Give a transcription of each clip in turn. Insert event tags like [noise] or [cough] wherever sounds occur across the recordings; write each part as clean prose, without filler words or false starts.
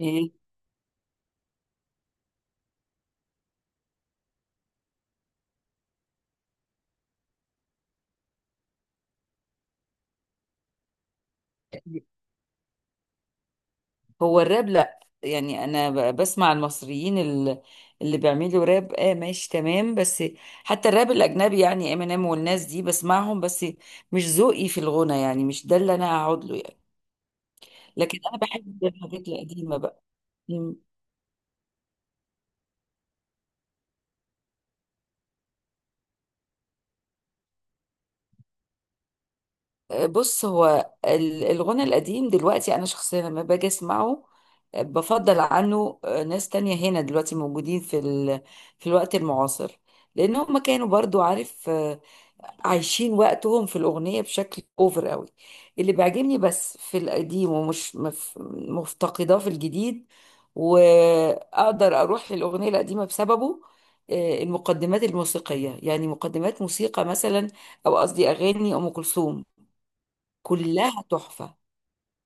إيه؟ هو الراب لا يعني انا بسمع المصريين اللي بيعملوا راب، اه ماشي تمام. بس حتى الراب الاجنبي يعني امينيم والناس دي بسمعهم، بس مش ذوقي في الغنى، يعني مش ده اللي انا هقعد له يعني. لكن انا بحب الحاجات القديمه بقى. مم. بص، هو الغنى القديم دلوقتي انا شخصيا لما باجي اسمعه بفضل عنه. ناس تانية هنا دلوقتي موجودين في الوقت المعاصر، لان هم كانوا برضو عارف، عايشين وقتهم في الأغنية بشكل أوفر قوي. اللي بيعجبني بس في القديم ومش مفتقداه في الجديد، وأقدر أروح للأغنية القديمة بسببه، المقدمات الموسيقية، يعني مقدمات موسيقى مثلا، أو قصدي أغاني أم كلثوم كلها تحفة.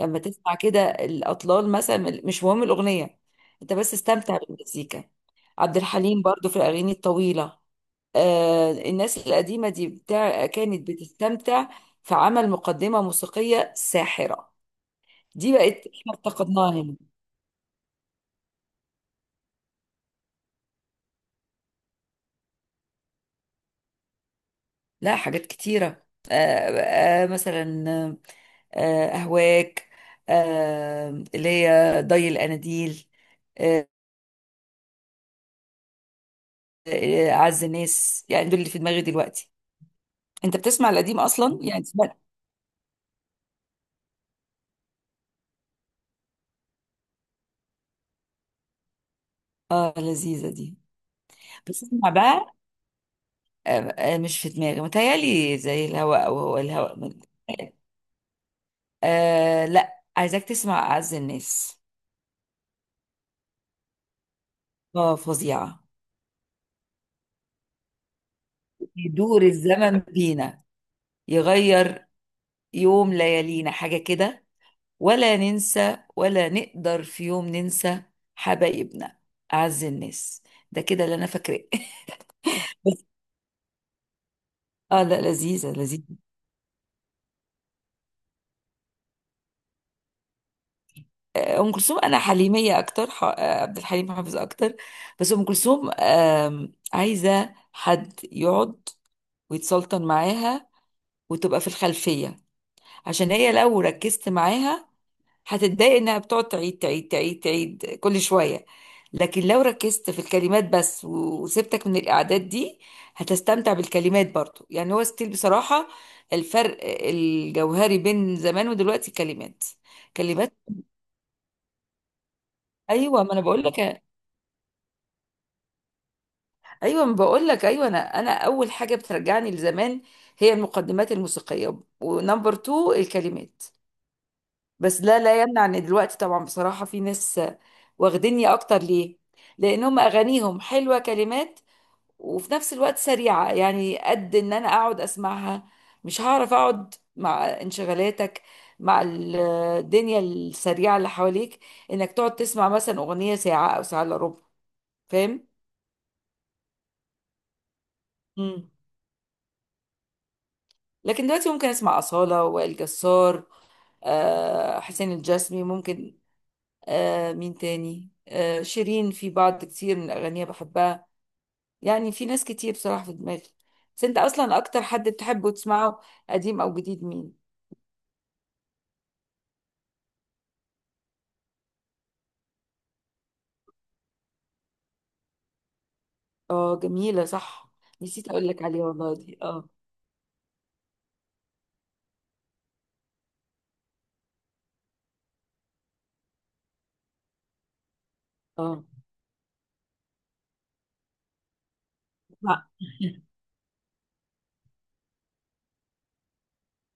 لما تسمع كده الأطلال مثلا، مش مهم الأغنية، أنت بس استمتع بالمزيكا. عبد الحليم برضو في الأغاني الطويلة. الناس القديمة دي بتاع كانت بتستمتع في عمل مقدمة موسيقية ساحرة. دي بقت احنا افتقدناها هنا. لا، حاجات كتيرة. مثلا، أهواك، اللي هي ضي الأناديل، آه، أعز الناس، يعني دول اللي في دماغي دلوقتي. أنت بتسمع القديم أصلا يعني؟ سمعت آه، لذيذة دي. بسمع بقى آه، مش في دماغي، متهيألي زي الهواء أو هو الهواء. آه لا، عايزاك تسمع أعز الناس. اه فظيعة. يدور الزمن بينا، يغير يوم ليالينا، حاجة كده. ولا ننسى ولا نقدر في يوم ننسى حبايبنا، أعز الناس. ده كده اللي أنا فاكراه. [laughs] بس اه لا، لذيذة لذيذة. أم كلثوم أنا حليمية أكتر، عبد الحليم حافظ أكتر. بس أم كلثوم عايزة حد يقعد ويتسلطن معاها وتبقى في الخلفية، عشان هي لو ركزت معاها هتتضايق، انها بتقعد تعيد تعيد تعيد تعيد كل شوية. لكن لو ركزت في الكلمات بس وسبتك من الإعداد دي، هتستمتع بالكلمات برضو. يعني هو ستيل بصراحة، الفرق الجوهري بين زمان ودلوقتي كلمات. كلمات. ايوه ما انا بقول لك. ايوه ما بقول لك، ايوه، انا اول حاجه بترجعني لزمان هي المقدمات الموسيقيه، ونمبر تو الكلمات. بس لا يمنع ان دلوقتي طبعا بصراحه في ناس واخديني اكتر، ليه؟ لان هم اغانيهم حلوه كلمات، وفي نفس الوقت سريعه، يعني قد ان انا اقعد اسمعها، مش هعرف اقعد مع انشغالاتك، مع الدنيا السريعه اللي حواليك، انك تقعد تسمع مثلا اغنيه ساعه او ساعه الا ربع. فاهم. مم. لكن دلوقتي ممكن اسمع أصالة، وائل جسار، حسين الجسمي ممكن، مين تاني، شيرين في بعض كتير من أغانيها بحبها. يعني في ناس كتير بصراحة في دماغي. بس انت اصلا اكتر حد بتحبه تسمعه، قديم او جديد، مين؟ اه جميلة صح، نسيت اقول لك عليها والله، دي اه. اه لا.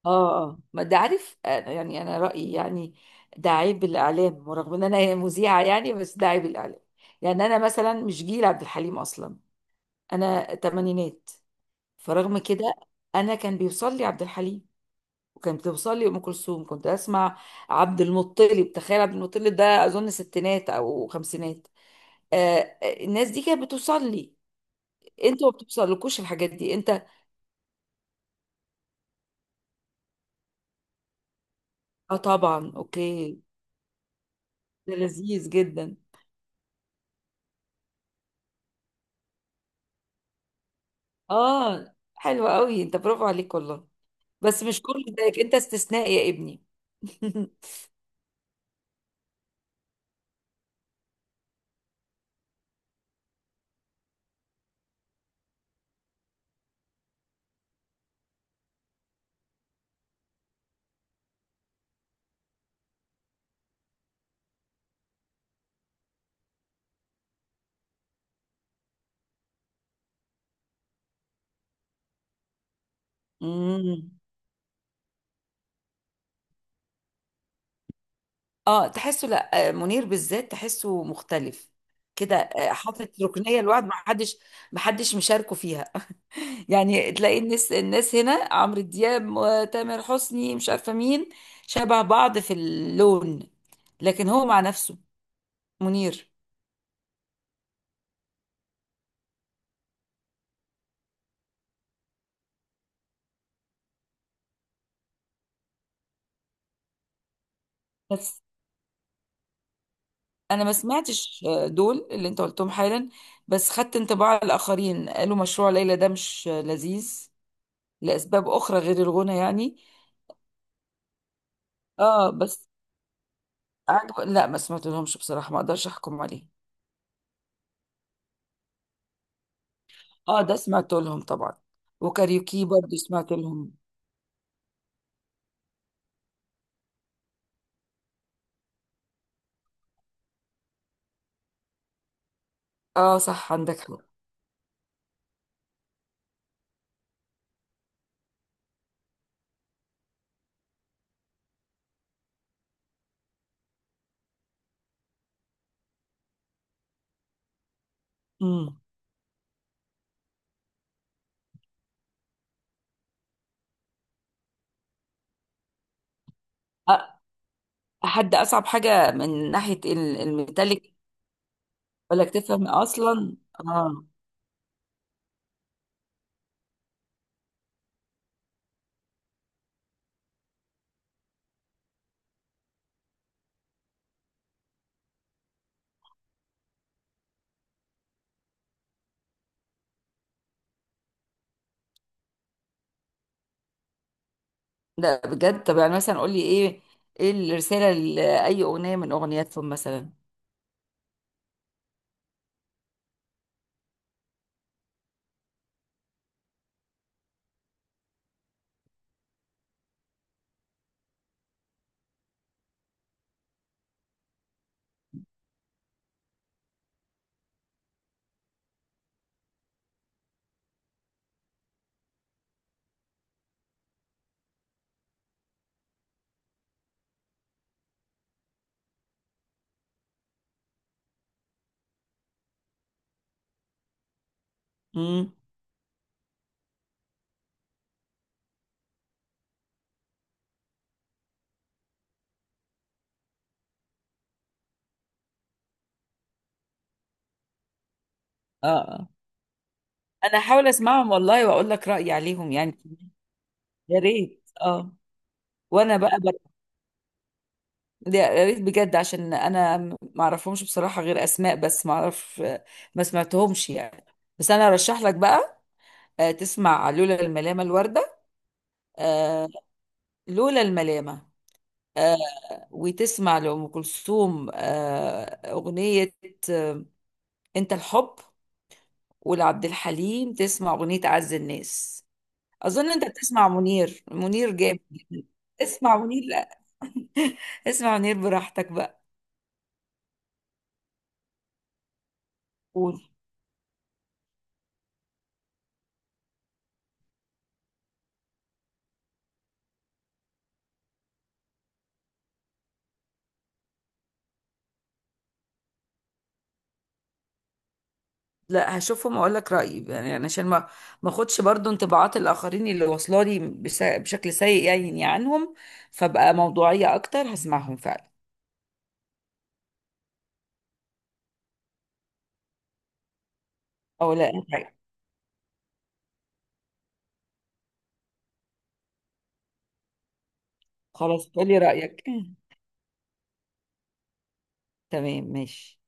اه اه، ما ده عارف، يعني انا رأيي يعني ده عيب الاعلام، ورغم ان انا مذيعة يعني، بس ده عيب الاعلام. يعني انا مثلا مش جيل عبد الحليم اصلا، انا تمانينات. فرغم كده انا كان بيوصل لي عبد الحليم، وكانت بتوصل لي ام كلثوم. كنت اسمع عبد المطلب، تخيل، عبد المطلب ده اظن ستينات او خمسينات. آه، الناس دي كانت بتوصل لي، انتوا ما بتوصلكوش الحاجات دي انت. اه طبعا اوكي، ده لذيذ جدا. اه حلو قوي انت، برافو عليك والله. بس مش كله زيك، انت استثناء يا ابني. [laughs] مم. اه تحسه، لا، منير بالذات تحسه مختلف كده، حاطط ركنيه لوحده، ما حدش، ما حدش مشاركه فيها. يعني تلاقي الناس هنا، عمرو دياب وتامر حسني مش عارفه مين، شبه بعض في اللون، لكن هو مع نفسه، منير. بس انا ما سمعتش دول اللي انت قلتهم حالا، بس خدت انطباع الاخرين قالوا مشروع ليلى ده مش لذيذ لاسباب اخرى غير الغنى يعني. اه بس لا، ما سمعت لهمش بصراحه، ما اقدرش احكم عليه. اه ده سمعت لهم طبعا، وكاريوكي برضه سمعت لهم. اه صح، عندك حق. امم، حد اصعب حاجه من ناحيه الميتاليك، ولا تفهم اصلا اه. لا بجد، طب يعني مثلا قول لي ايه، ايه الرساله لاي اغنيه من اغنياتهم مثلا. امم، اه آه. انا هحاول اسمعهم والله واقول لك رايي عليهم يعني. يا ريت اه. وانا بقى بر... يا ريت بجد، عشان انا ما اعرفهمش بصراحه غير اسماء بس، ما اعرف، ما سمعتهمش يعني. بس انا ارشح لك بقى تسمع لولا الملامه، الورده، آه، لولا الملامه، آه، وتسمع لأم كلثوم أغنية أنت الحب، ولعبد الحليم تسمع أغنية أعز الناس. أظن أنت بتسمع منير، منير جامد جدا. اسمع منير، لا اسمع منير براحتك بقى. قول. لا هشوفهم أقول لك رأيي يعني، أنا عشان ما، ما أخدش برضو انطباعات الآخرين اللي واصلة لي بشكل سيء يعني عنهم، فبقى موضوعية أكتر هسمعهم فعلا. أو لا أنت- خلاص قولي رأيك. تمام ماشي.